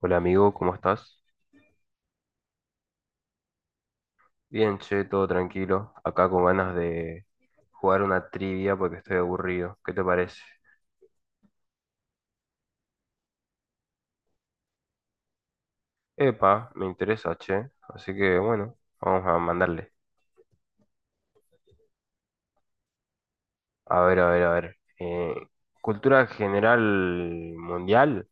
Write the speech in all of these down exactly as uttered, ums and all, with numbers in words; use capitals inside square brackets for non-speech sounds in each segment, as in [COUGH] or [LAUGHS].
Hola amigo, ¿cómo estás? Bien, che, todo tranquilo. Acá con ganas de jugar una trivia porque estoy aburrido. ¿Qué te parece? Epa, me interesa, che. Así que bueno, vamos a mandarle. A ver, a ver, a ver. Eh, ¿cultura general mundial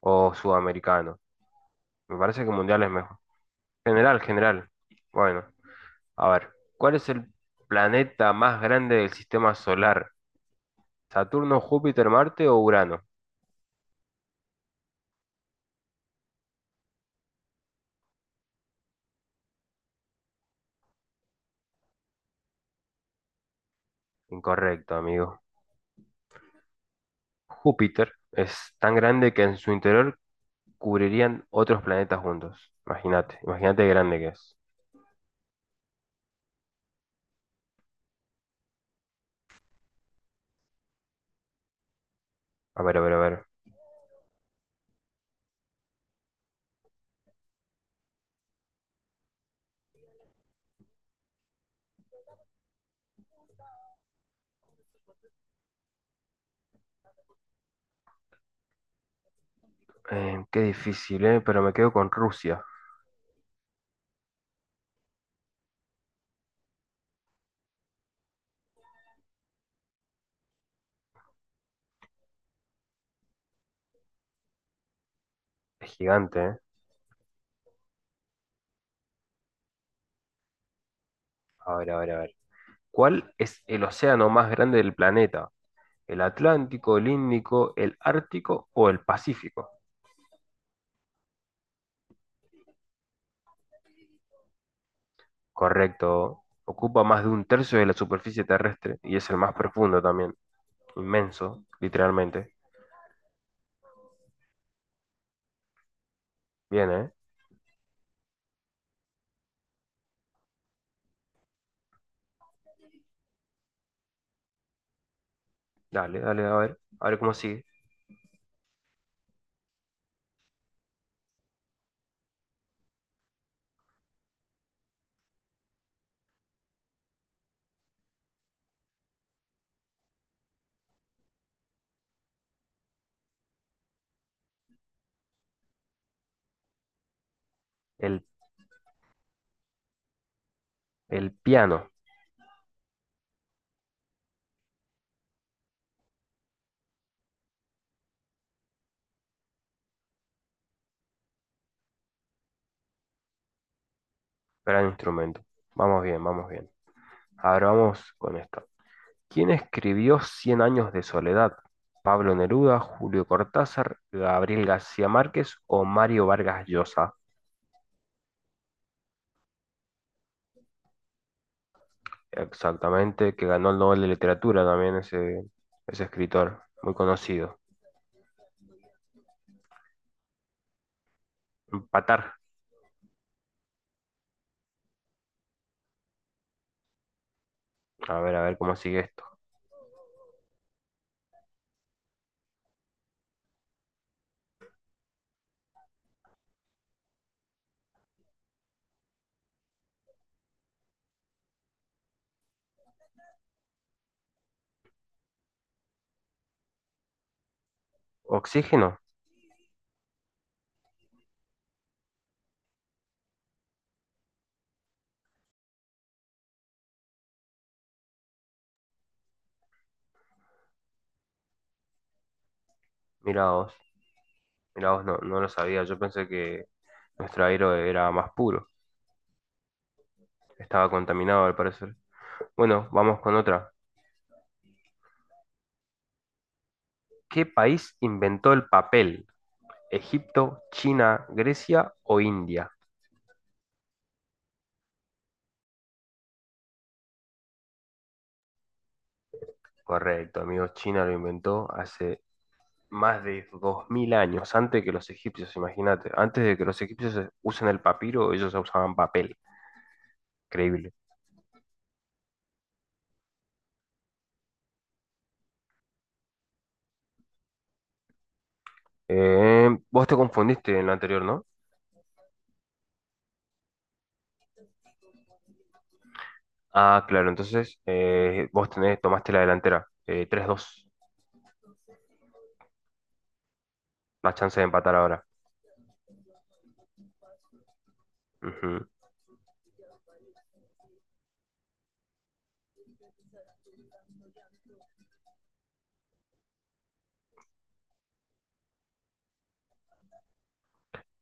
o sudamericano? Me parece que mundial es mejor. General, general. Bueno, a ver. ¿Cuál es el planeta más grande del sistema solar? ¿Saturno, Júpiter, Marte o Urano? Incorrecto, amigo. Júpiter es tan grande que en su interior cubrirían otros planetas juntos. Imagínate, imagínate de grande que es. A ver, a ver, a ver. Eh, qué difícil, ¿eh? Pero me quedo con Rusia. Es gigante, ¿eh? A ver, a ver, a ver. ¿Cuál es el océano más grande del planeta? ¿El Atlántico, el Índico, el Ártico o el Pacífico? Correcto. Ocupa más de un tercio de la superficie terrestre y es el más profundo también. Inmenso, literalmente. Bien, ¿eh? Dale, dale, a ver. A ver cómo sigue. El El piano, gran instrumento. Vamos bien, vamos bien. Ahora vamos con esto. ¿Quién escribió Cien años de soledad? ¿Pablo Neruda, Julio Cortázar, Gabriel García Márquez o Mario Vargas Llosa? Exactamente, que ganó el Nobel de Literatura también ese, ese escritor, muy conocido. Empatar. A ver, a ver cómo sigue esto. ¿Oxígeno? Mirá vos, mirá vos, no, no lo sabía. Yo pensé que nuestro aire era más puro. Estaba contaminado al parecer. Bueno, vamos con otra. ¿Qué país inventó el papel? ¿Egipto, China, Grecia o India? Correcto, amigos, China lo inventó hace más de dos mil años, antes que los egipcios, imagínate. Antes de que los egipcios usen el papiro, ellos usaban papel. Increíble. Eh, vos te confundiste en lo anterior, ¿no? Ah, claro, entonces eh, vos tenés, tomaste la delantera. Eh, tres dos, la chance de empatar ahora. Ujú.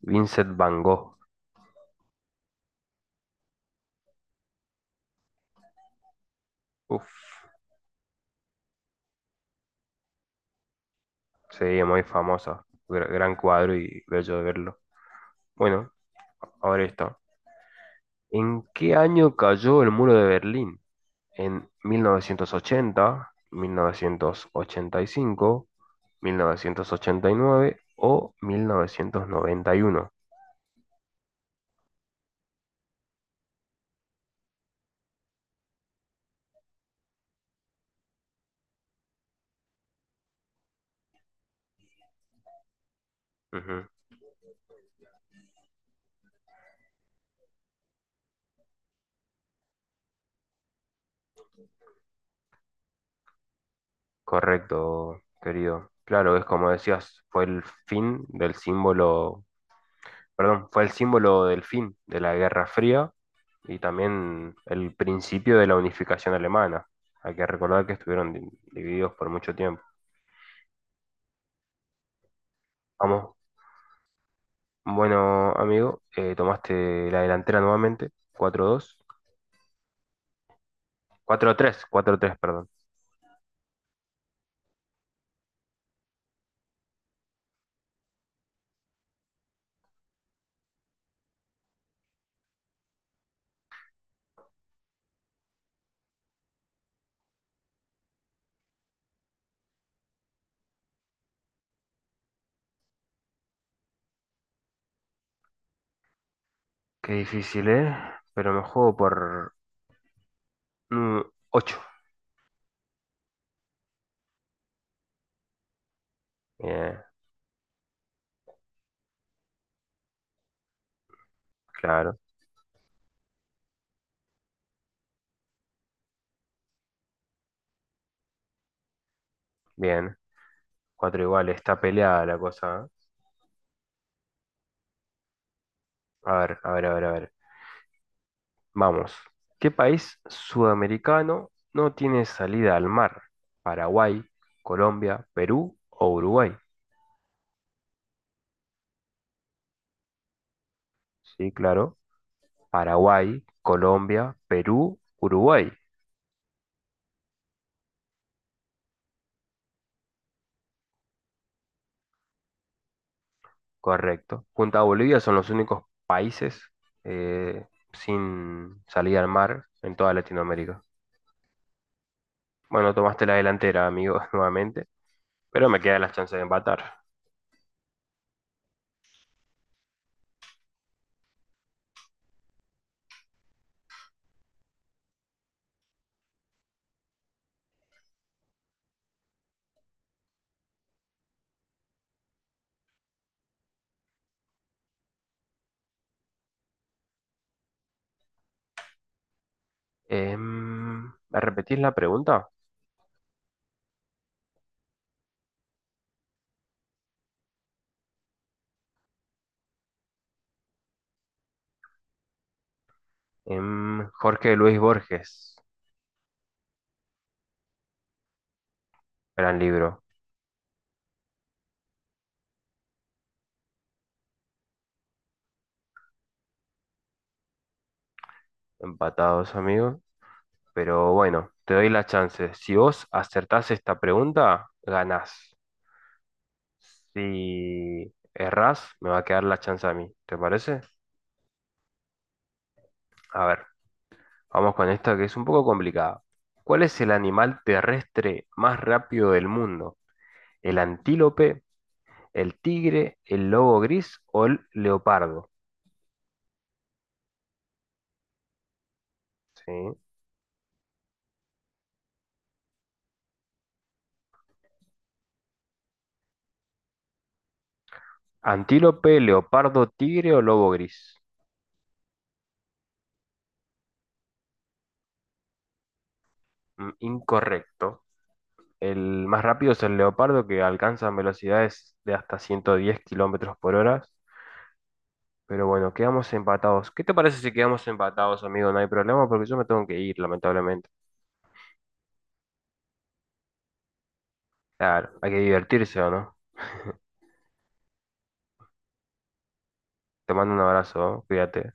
Vincent Van Gogh. Uf, sí, muy famoso. Gr- gran cuadro y bello de verlo. Bueno, ahora está. ¿En qué año cayó el muro de Berlín? ¿En mil novecientos ochenta, mil novecientos ochenta y cinco, mil novecientos ochenta y nueve o mil novecientos noventa y uno? Ujú. Correcto, querido. Claro, es como decías, fue el fin del símbolo, perdón, fue el símbolo del fin de la Guerra Fría y también el principio de la unificación alemana. Hay que recordar que estuvieron di- divididos por mucho tiempo. Vamos. Bueno, amigo, eh, tomaste la delantera nuevamente. Cuatro dos, cuatro tres, cuatro tres, perdón. Qué difícil, ¿eh? Pero me juego por mm, ocho. Bien, claro. Bien. Cuatro iguales. Está peleada la cosa, ¿eh? A ver, a ver, a ver, a ver. Vamos. ¿Qué país sudamericano no tiene salida al mar? ¿Paraguay, Colombia, Perú o Uruguay? Sí, claro. Paraguay, Colombia, Perú, Uruguay. Correcto. Junto a Bolivia son los únicos países eh, sin salida al mar en toda Latinoamérica. Bueno, tomaste la delantera, amigo, [LAUGHS] nuevamente, pero me quedan las chances de empatar. Em, ¿me repetís la pregunta? Em, Jorge Luis Borges, gran libro. Empatados, amigo. Pero bueno, te doy la chance. Si vos acertás esta pregunta, ganás. Si errás, me va a quedar la chance a mí. ¿Te parece? A ver. Vamos con esta que es un poco complicada. ¿Cuál es el animal terrestre más rápido del mundo? ¿El antílope, el tigre, el lobo gris o el leopardo? ¿Sí? Antílope, leopardo, tigre o lobo gris. Mm, incorrecto. El más rápido es el leopardo que alcanza velocidades de hasta ciento diez kilómetros por hora. Pero bueno, quedamos empatados. ¿Qué te parece si quedamos empatados, amigo? No hay problema porque yo me tengo que ir, lamentablemente. Claro, hay que divertirse, ¿o no? Te mando un abrazo, cuídate.